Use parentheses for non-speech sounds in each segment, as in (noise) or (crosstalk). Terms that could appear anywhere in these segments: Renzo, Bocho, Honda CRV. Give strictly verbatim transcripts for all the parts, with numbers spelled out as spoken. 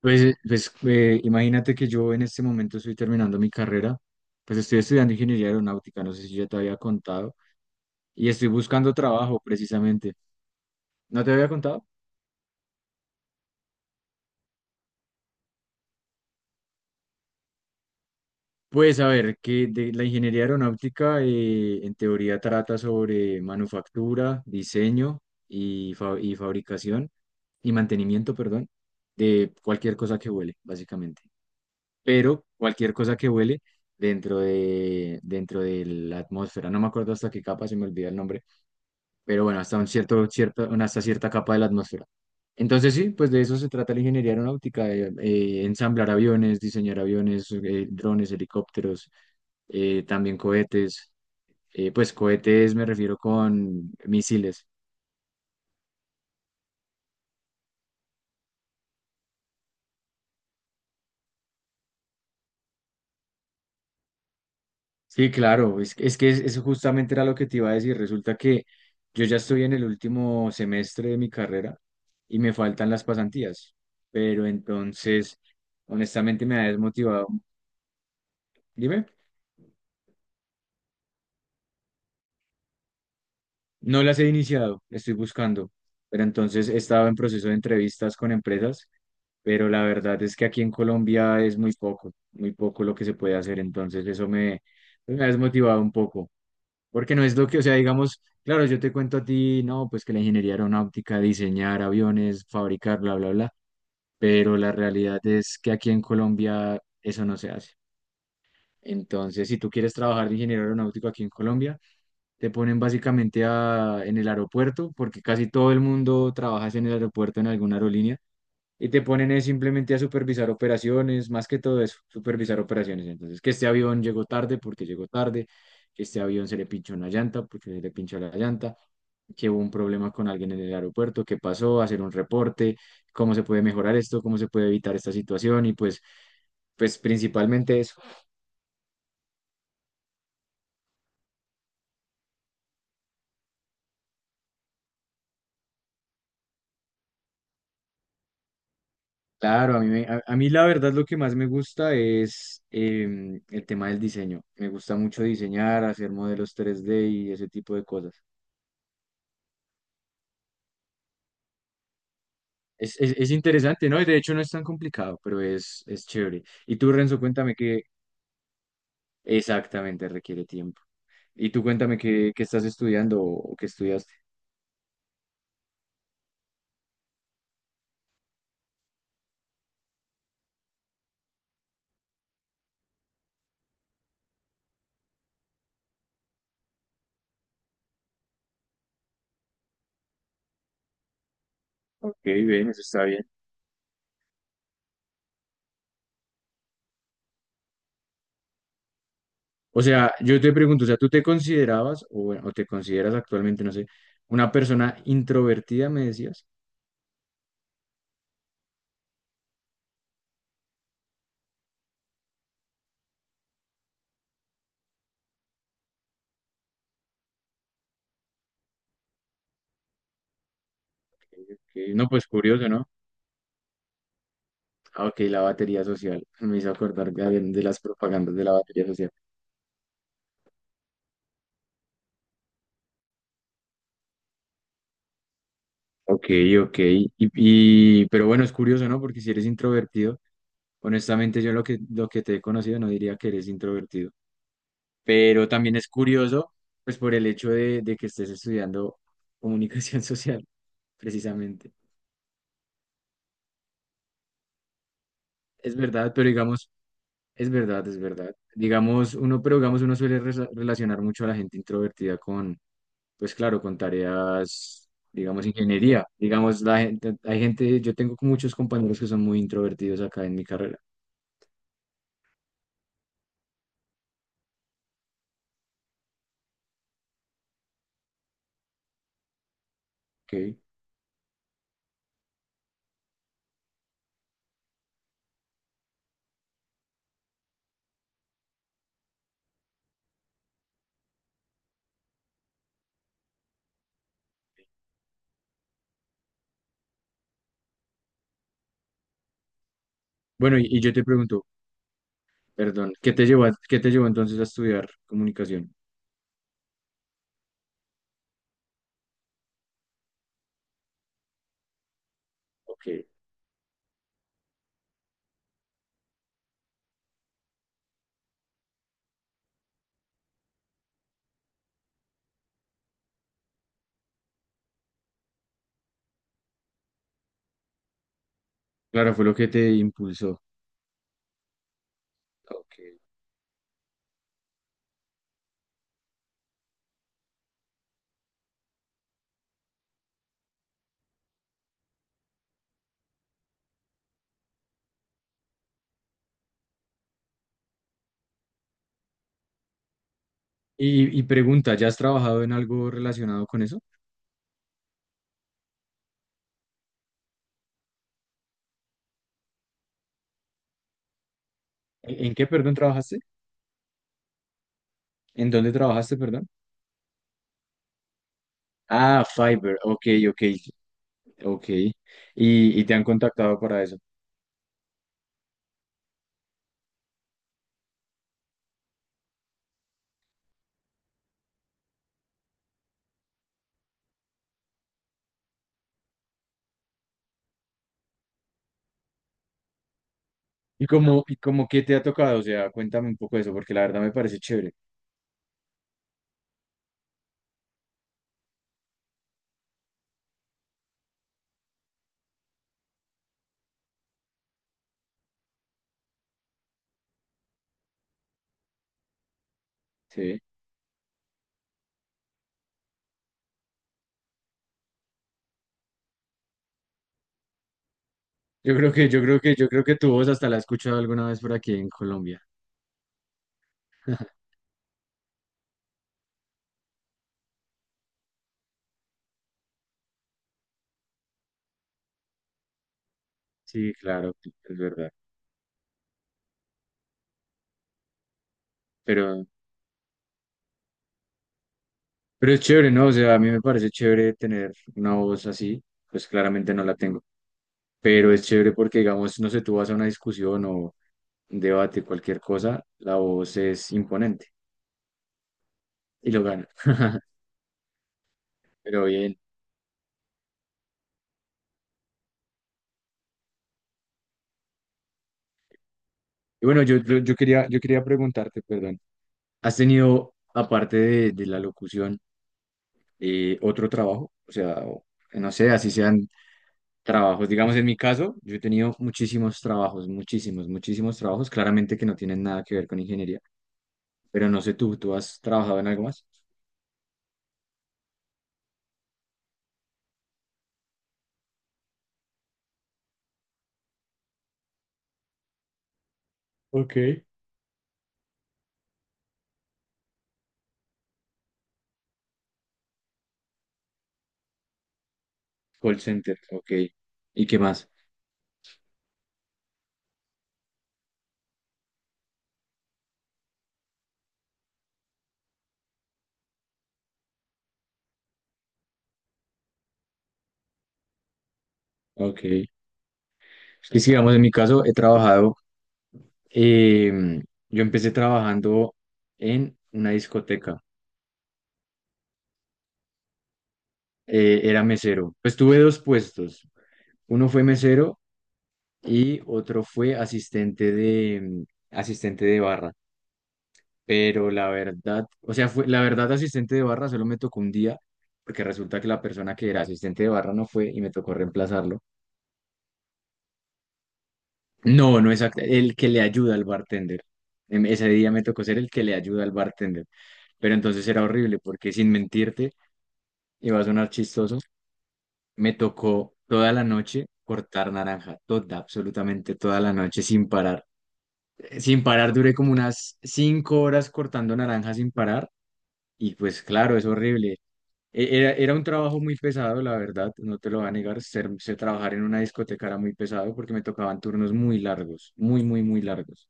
Pues, pues eh, imagínate que yo en este momento estoy terminando mi carrera, pues estoy estudiando ingeniería aeronáutica, no sé si ya te había contado, y estoy buscando trabajo precisamente. ¿No te había contado? Pues a ver, que de la ingeniería aeronáutica eh, en teoría trata sobre manufactura, diseño y, fa- y fabricación y mantenimiento, perdón, de cualquier cosa que vuele, básicamente. Pero cualquier cosa que vuele dentro de, dentro de la atmósfera, no me acuerdo hasta qué capa, se me olvida el nombre, pero bueno, hasta un cierto, cierta, una- hasta cierta capa de la atmósfera. Entonces sí, pues de eso se trata la ingeniería aeronáutica, de, eh, ensamblar aviones, diseñar aviones, eh, drones, helicópteros, eh, también cohetes, eh, pues cohetes me refiero con misiles. Sí, claro, es, es que es- eso justamente era lo que te iba a decir. Resulta que yo ya estoy en el último semestre de mi carrera y me faltan las pasantías, pero entonces, honestamente, me ha desmotivado. Dime, no las he iniciado, estoy buscando, pero entonces he estado en proceso de entrevistas con empresas, pero la verdad es que aquí en Colombia es muy poco, muy poco lo que se puede hacer, entonces eso me, me ha desmotivado un poco. Porque no es lo que, o sea, digamos, claro, yo te cuento a ti, no, pues que la ingeniería aeronáutica, diseñar aviones, fabricar, bla, bla, bla, pero la realidad es que aquí en Colombia eso no se hace. Entonces, si tú quieres trabajar de ingeniero aeronáutico aquí en Colombia, te ponen básicamente a, en el aeropuerto, porque casi todo el mundo trabaja en el aeropuerto en alguna aerolínea, y te ponen es simplemente a supervisar operaciones, más que todo eso, supervisar operaciones. Entonces, que este avión llegó tarde porque llegó tarde, que este avión se le pinchó una llanta porque se le pinchó la llanta, que hubo un problema con alguien en el aeropuerto, qué pasó, hacer un reporte, cómo se puede mejorar esto, cómo se puede evitar esta situación y pues, pues principalmente eso. Claro, a mí, me- a, a mí la verdad lo que más me gusta es em, el tema del diseño. Me gusta mucho diseñar, hacer modelos tres D y ese tipo de cosas. Es, es, es interesante, ¿no? Y de hecho no es tan complicado, pero es, es chévere. Y tú, Renzo, cuéntame qué exactamente requiere tiempo. Y tú cuéntame qué, qué estás estudiando o qué estudiaste. Ok, bien, eso está bien. O sea, yo te pregunto, o sea, ¿tú te considerabas o, bueno, o te consideras actualmente, no sé, una persona introvertida, me decías? Ok. No, pues curioso, ¿no? Ah, ok, la batería social. (laughs) Me hizo acordar de, de las propagandas de la batería social. Ok, ok. Y, y- pero bueno, es curioso, ¿no? Porque si eres introvertido. Honestamente, yo lo que, lo que te he conocido no diría que eres introvertido, pero también es curioso, pues por el hecho de, de que estés estudiando comunicación (laughs) social, precisamente. Es verdad, pero digamos, es verdad, es verdad. Digamos, uno, pero digamos, uno suele resa- relacionar mucho a la gente introvertida con, pues claro, con tareas, digamos, ingeniería. Digamos, la gente, hay gente, yo tengo muchos compañeros que son muy introvertidos acá en mi carrera. Ok. Bueno, y, y yo te pregunto, perdón, ¿qué te llevó, a- qué te llevó entonces a estudiar comunicación? Ok, claro, fue lo que te impulsó. Ok. Y, y pregunta, ¿ya has trabajado en algo relacionado con eso? ¿En, en qué, perdón, trabajaste? ¿En dónde trabajaste, perdón? Ah, Fiverr, ok, ok, ok. Y, y te han contactado para eso. ¿Y cómo, y cómo qué te ha tocado? O sea, cuéntame un poco eso, porque la verdad me parece chévere. Sí. Yo creo que, yo creo que, yo creo que tu voz hasta la he escuchado alguna vez por aquí en Colombia. Sí, claro, es verdad. Pero Pero es chévere, ¿no? O sea, a mí me parece chévere tener una voz así, pues claramente no la tengo, pero es chévere porque, digamos, no sé, tú vas a una discusión o un debate, cualquier cosa, la voz es imponente y lo gana, pero bien. Y bueno, yo, yo, yo quería, yo quería preguntarte, perdón, ¿has tenido, aparte de, de la locución, eh, otro trabajo? O sea, o- no sé, así sean trabajos, digamos, en mi caso, yo he tenido muchísimos trabajos, muchísimos, muchísimos trabajos, claramente que no tienen nada que ver con ingeniería. Pero no sé tú, ¿tú has trabajado en algo más? Ok. Call center, ok. ¿Y qué más? Ok. Es que, digamos, en mi caso he trabajado, em, yo empecé trabajando en una discoteca. Eh, era mesero. Pues tuve dos puestos, uno fue mesero y otro fue asistente de, em, asistente de barra. Pero la verdad, o sea, fue, la verdad asistente de barra solo me tocó un día, porque resulta que la persona que era asistente de barra no fue y me tocó reemplazarlo. No, no exacto. El que le ayuda al bartender. Em, Ese día me tocó ser el que le ayuda al bartender. Pero entonces era horrible porque sin mentirte, iba a sonar chistoso, me tocó toda la noche cortar naranja, toda, absolutamente toda la noche sin parar. Eh, Sin parar duré como unas cinco horas cortando naranja sin parar y pues claro, es horrible. E- Era, era un trabajo muy pesado, la verdad, no te lo voy a negar, ser, ser- trabajar en una discoteca era muy pesado porque me tocaban turnos muy largos, muy, muy, muy largos.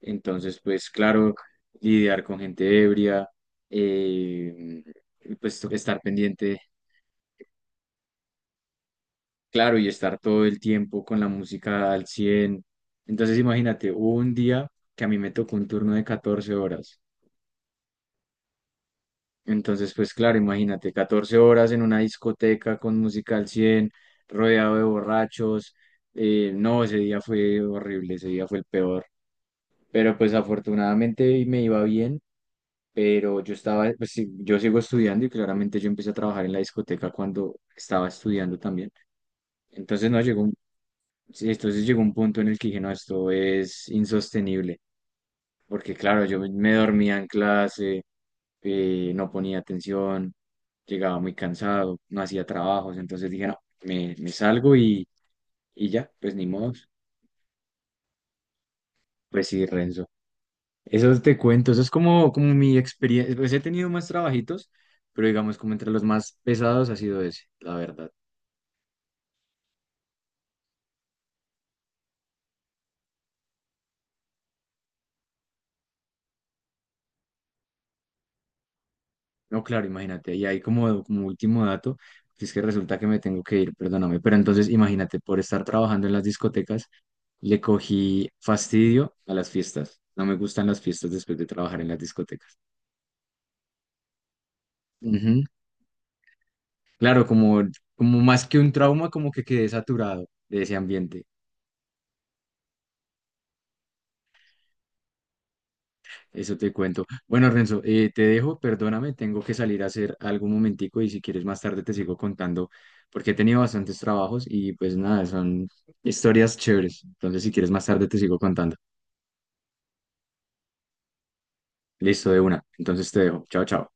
Entonces, pues claro, lidiar con gente ebria, eh, pues estar pendiente, claro, y estar todo el tiempo con la música al cien. Entonces, imagínate, hubo un día que a mí me tocó un turno de catorce horas. Entonces, pues claro, imagínate, catorce horas en una discoteca con música al cien rodeado de borrachos. Eh, no, ese día fue horrible, ese día fue el peor. Pero pues afortunadamente me iba bien, pero yo estaba, pues, sí, yo sigo estudiando y claramente yo empecé a trabajar en la discoteca cuando estaba estudiando también. Entonces no llegó un, sí, entonces llegó un punto en el que dije, no, esto es insostenible, porque claro, yo me me dormía en clase, eh, no ponía atención, llegaba muy cansado, no hacía trabajos, entonces dije, no, me, me salgo y, y ya, pues ni modo, pues sí, Renzo. Eso te cuento, eso es como, como mi experiencia. Pues he tenido más trabajitos, pero digamos, como entre los más pesados ha sido ese, la verdad. No, claro, imagínate. Y ahí como, como último dato, es que resulta que me tengo que ir, perdóname. Pero entonces, imagínate, por estar trabajando en las discotecas, le cogí fastidio a las fiestas. No me gustan las fiestas después de trabajar en las discotecas. Ujú. Claro, como, como más que un trauma, como que quedé saturado de ese ambiente. Eso te cuento. Bueno, Renzo, eh, te dejo, perdóname, tengo que salir a hacer algún momentico y si quieres más tarde te sigo contando porque he tenido bastantes trabajos y pues nada, son historias chéveres. Entonces, si quieres más tarde te sigo contando. Listo, de una. Entonces te dejo. Chao, chao.